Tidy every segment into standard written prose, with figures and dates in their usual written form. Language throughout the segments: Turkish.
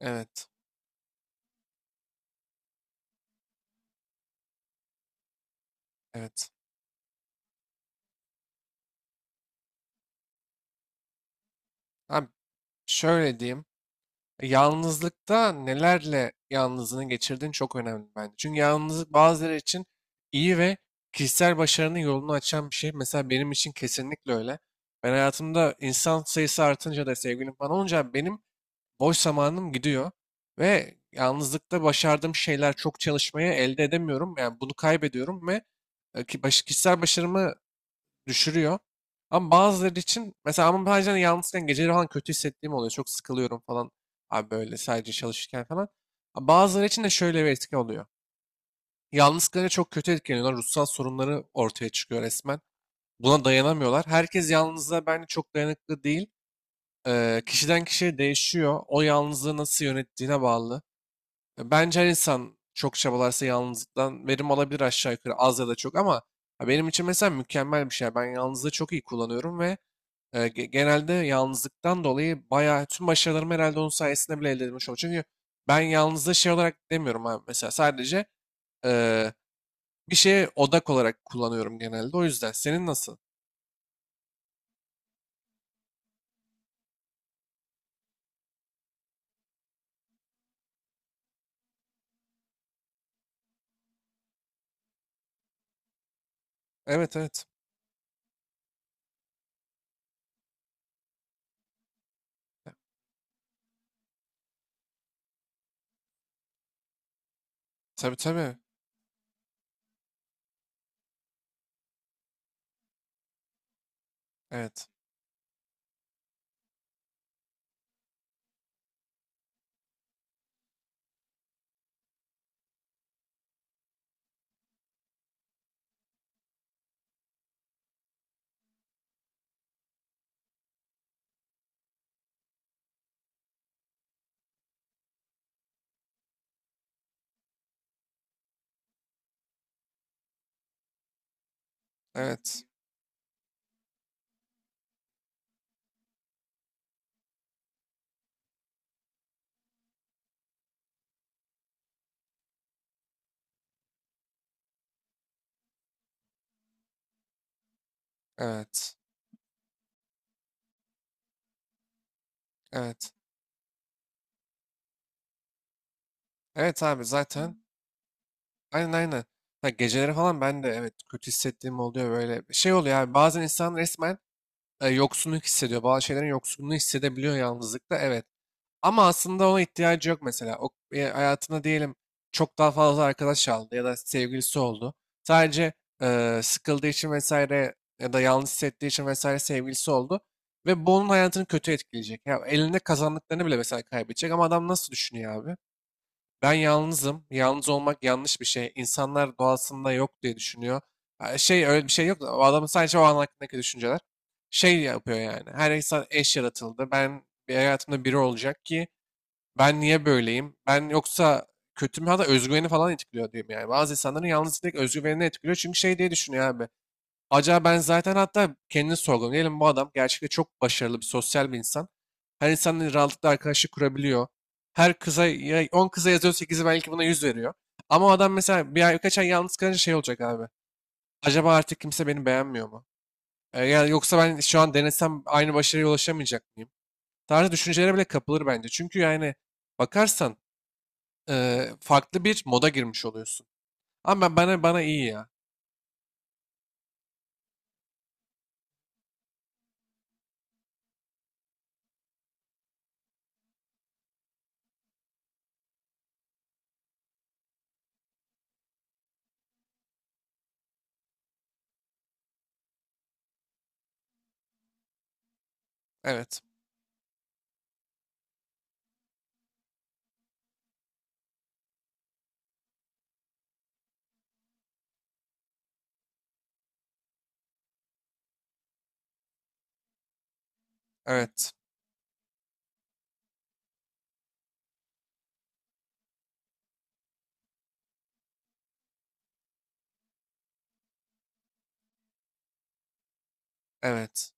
Evet, evet. Abi şöyle diyeyim. Yalnızlıkta nelerle yalnızlığını geçirdiğin çok önemli bence. Çünkü yalnızlık bazıları için iyi ve kişisel başarının yolunu açan bir şey. Mesela benim için kesinlikle öyle. Ben hayatımda insan sayısı artınca da sevgilim falan olunca benim boş zamanım gidiyor. Ve yalnızlıkta başardığım şeyler çok çalışmaya elde edemiyorum. Yani bunu kaybediyorum ve kişisel başarımı düşürüyor. Ama bazıları için mesela ama bazen yalnızken geceleri falan kötü hissettiğim oluyor. Çok sıkılıyorum falan. Abi böyle sadece çalışırken falan. Ama bazıları için de şöyle bir etki oluyor. Yalnız kalınca çok kötü etkileniyorlar. Ruhsal sorunları ortaya çıkıyor resmen. Buna dayanamıyorlar. Herkes yalnızlığa bence çok dayanıklı değil. Kişiden kişiye değişiyor. O yalnızlığı nasıl yönettiğine bağlı. Bence her insan çok çabalarsa yalnızlıktan verim alabilir aşağı yukarı az ya da çok ama ya benim için mesela mükemmel bir şey. Ben yalnızlığı çok iyi kullanıyorum ve genelde yalnızlıktan dolayı bayağı tüm başarılarımı herhalde onun sayesinde bile elde edilmiş oldu. Çünkü ben yalnızlığı şey olarak demiyorum abi mesela sadece e, bir şeye odak olarak kullanıyorum genelde. O yüzden senin nasıl? Evet, evet. Tabii, tabii. Evet. Evet. Evet. Evet. Evet abi, zaten. Aynen, aynen. Ha, geceleri falan ben de evet kötü hissettiğim oluyor böyle. Şey oluyor abi, bazen insan resmen yoksunluk hissediyor. Bazı şeylerin yoksunluğunu hissedebiliyor yalnızlıkta. Evet. Ama aslında ona ihtiyacı yok mesela. O hayatına diyelim çok daha fazla arkadaş aldı ya da sevgilisi oldu. Sadece sıkıldığı için vesaire ya da yalnız hissettiği için vesaire sevgilisi oldu. Ve bu onun hayatını kötü etkileyecek. Ya elinde kazandıklarını bile mesela kaybedecek. Ama adam nasıl düşünüyor abi? Ben yalnızım. Yalnız olmak yanlış bir şey. İnsanlar doğasında yok diye düşünüyor. Ha, şey öyle bir şey yok. O adamın sadece o an hakkındaki düşünceler. Şey yapıyor yani. Her insan eş yaratıldı. Ben bir hayatımda biri olacak ki ben niye böyleyim? Ben yoksa kötü mü? Hatta özgüveni falan etkiliyor diyeyim yani. Bazı insanların yalnız direkt özgüvenini etkiliyor. Çünkü şey diye düşünüyor abi. Acaba ben zaten hatta kendini sorguluyorum. Diyelim bu adam gerçekten çok başarılı bir sosyal bir insan. Her insanla rahatlıkla arkadaşlık kurabiliyor. Her kıza, ya 10 kıza yazıyor 8'i belki buna 100 veriyor. Ama o adam mesela bir ay birkaç ay yalnız kalınca şey olacak abi. Acaba artık kimse beni beğenmiyor mu? Yani yoksa ben şu an denesem aynı başarıya ulaşamayacak mıyım? Tarzı düşüncelere bile kapılır bence. Çünkü yani bakarsan farklı bir moda girmiş oluyorsun. Ama bana iyi ya. Evet. Evet. Evet.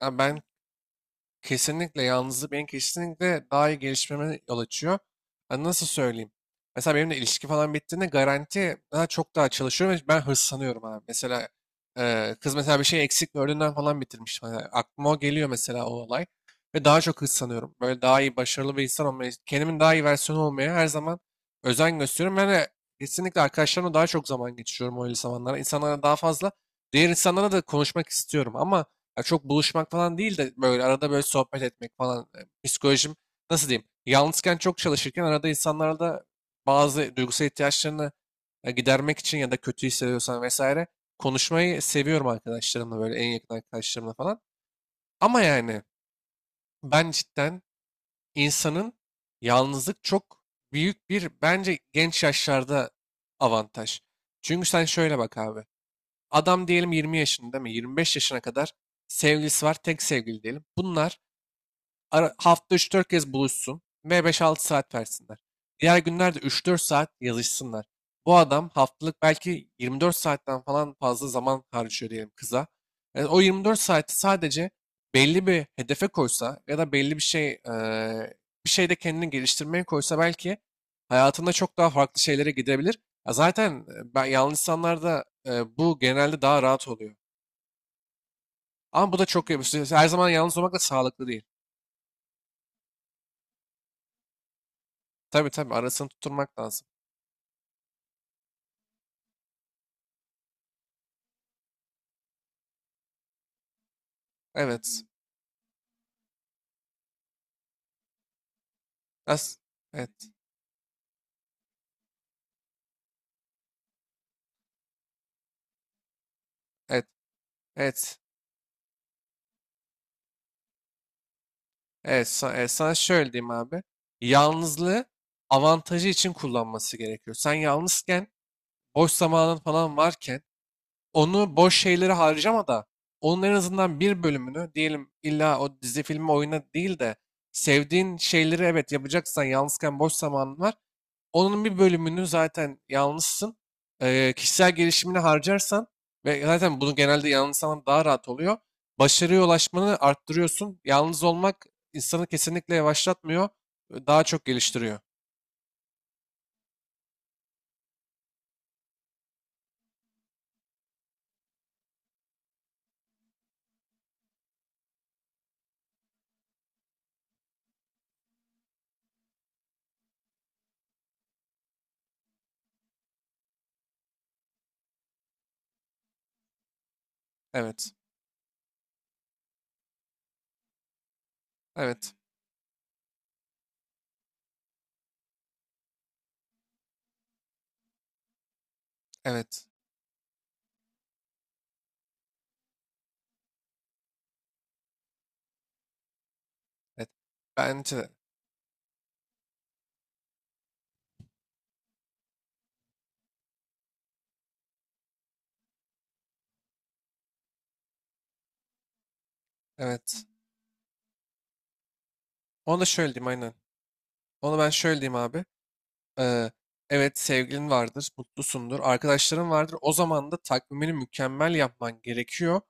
Ama kesinlikle yalnızlık benim kesinlikle daha iyi gelişmeme yol açıyor. Hani nasıl söyleyeyim? Mesela benimle ilişki falan bittiğinde garanti daha çok daha çalışıyorum ve ben hırslanıyorum abi. Mesela kız mesela bir şey eksik gördüğünden falan bitirmiş. Hani aklıma o geliyor mesela, o olay. Ve daha çok hırslanıyorum. Böyle daha iyi, başarılı bir insan olmaya, kendimin daha iyi versiyonu olmaya her zaman özen gösteriyorum. Ben de kesinlikle arkadaşlarımla daha çok zaman geçiriyorum öyle zamanlarda. İnsanlara daha fazla, diğer insanlara da konuşmak istiyorum ama ya çok buluşmak falan değil de böyle arada böyle sohbet etmek falan. Psikolojim nasıl diyeyim? Yalnızken çok çalışırken arada insanlarla da bazı duygusal ihtiyaçlarını gidermek için ya da kötü hissediyorsan vesaire konuşmayı seviyorum arkadaşlarımla, böyle en yakın arkadaşlarımla falan. Ama yani ben cidden insanın yalnızlık çok büyük bir bence genç yaşlarda avantaj. Çünkü sen şöyle bak abi. Adam diyelim 20 yaşında, değil mi? 25 yaşına kadar sevgilisi var. Tek sevgili diyelim. Bunlar hafta üç dört kez buluşsun ve 5-6 saat versinler. Diğer günlerde üç dört saat yazışsınlar. Bu adam haftalık belki 24 saatten falan fazla zaman harcıyor diyelim kıza. Yani o 24 saati sadece belli bir hedefe koysa ya da belli bir şey bir şeyde kendini geliştirmeye koysa belki hayatında çok daha farklı şeylere gidebilir. Ya zaten ben yalnız insanlarda bu genelde daha rahat oluyor. Ama bu da çok iyi. Her zaman yalnız olmak da sağlıklı değil. Tabii, tabii, arasını tutturmak lazım. Evet. As evet. Evet. Evet. Evet. Sa- evet, Sana şöyle diyeyim abi. Yalnızlığı avantajı için kullanması gerekiyor. Sen yalnızken boş zamanın falan varken onu boş şeylere harcama da onun en azından bir bölümünü diyelim illa o dizi filmi oyuna değil de sevdiğin şeyleri evet yapacaksan yalnızken boş zamanın var. Onun bir bölümünü zaten yalnızsın. Kişisel gelişimine harcarsan ve zaten bunu genelde yalnız zaman daha rahat oluyor. Başarıya ulaşmanı arttırıyorsun. Yalnız olmak insanı kesinlikle yavaşlatmıyor. Daha çok geliştiriyor. Evet. Evet. Evet. Evet. Bence de. Evet. Onu da şöyle diyeyim, aynen. Onu ben şöyle diyeyim abi. Ee, evet sevgilin vardır, mutlusundur, arkadaşların vardır. O zaman da takvimini mükemmel yapman gerekiyor.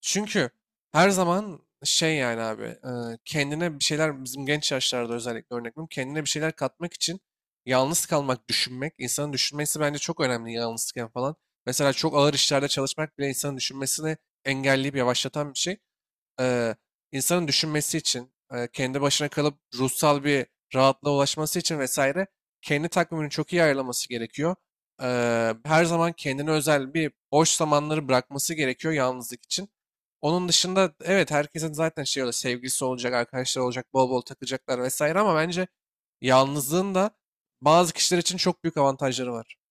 Çünkü her zaman şey yani abi kendine bir şeyler bizim genç yaşlarda özellikle örnek veriyorum. Kendine bir şeyler katmak için yalnız kalmak, düşünmek, insanın düşünmesi bence çok önemli yalnızken falan. Mesela çok ağır işlerde çalışmak bile insanın düşünmesini engelleyip yavaşlatan bir şey, eee, insanın düşünmesi için, kendi başına kalıp ruhsal bir rahatlığa ulaşması için vesaire kendi takvimini çok iyi ayarlaması gerekiyor. Her zaman kendine özel bir boş zamanları bırakması gerekiyor yalnızlık için. Onun dışında evet herkesin zaten şey öyle sevgilisi olacak, arkadaşlar olacak, bol bol takılacaklar vesaire ama bence yalnızlığın da bazı kişiler için çok büyük avantajları var.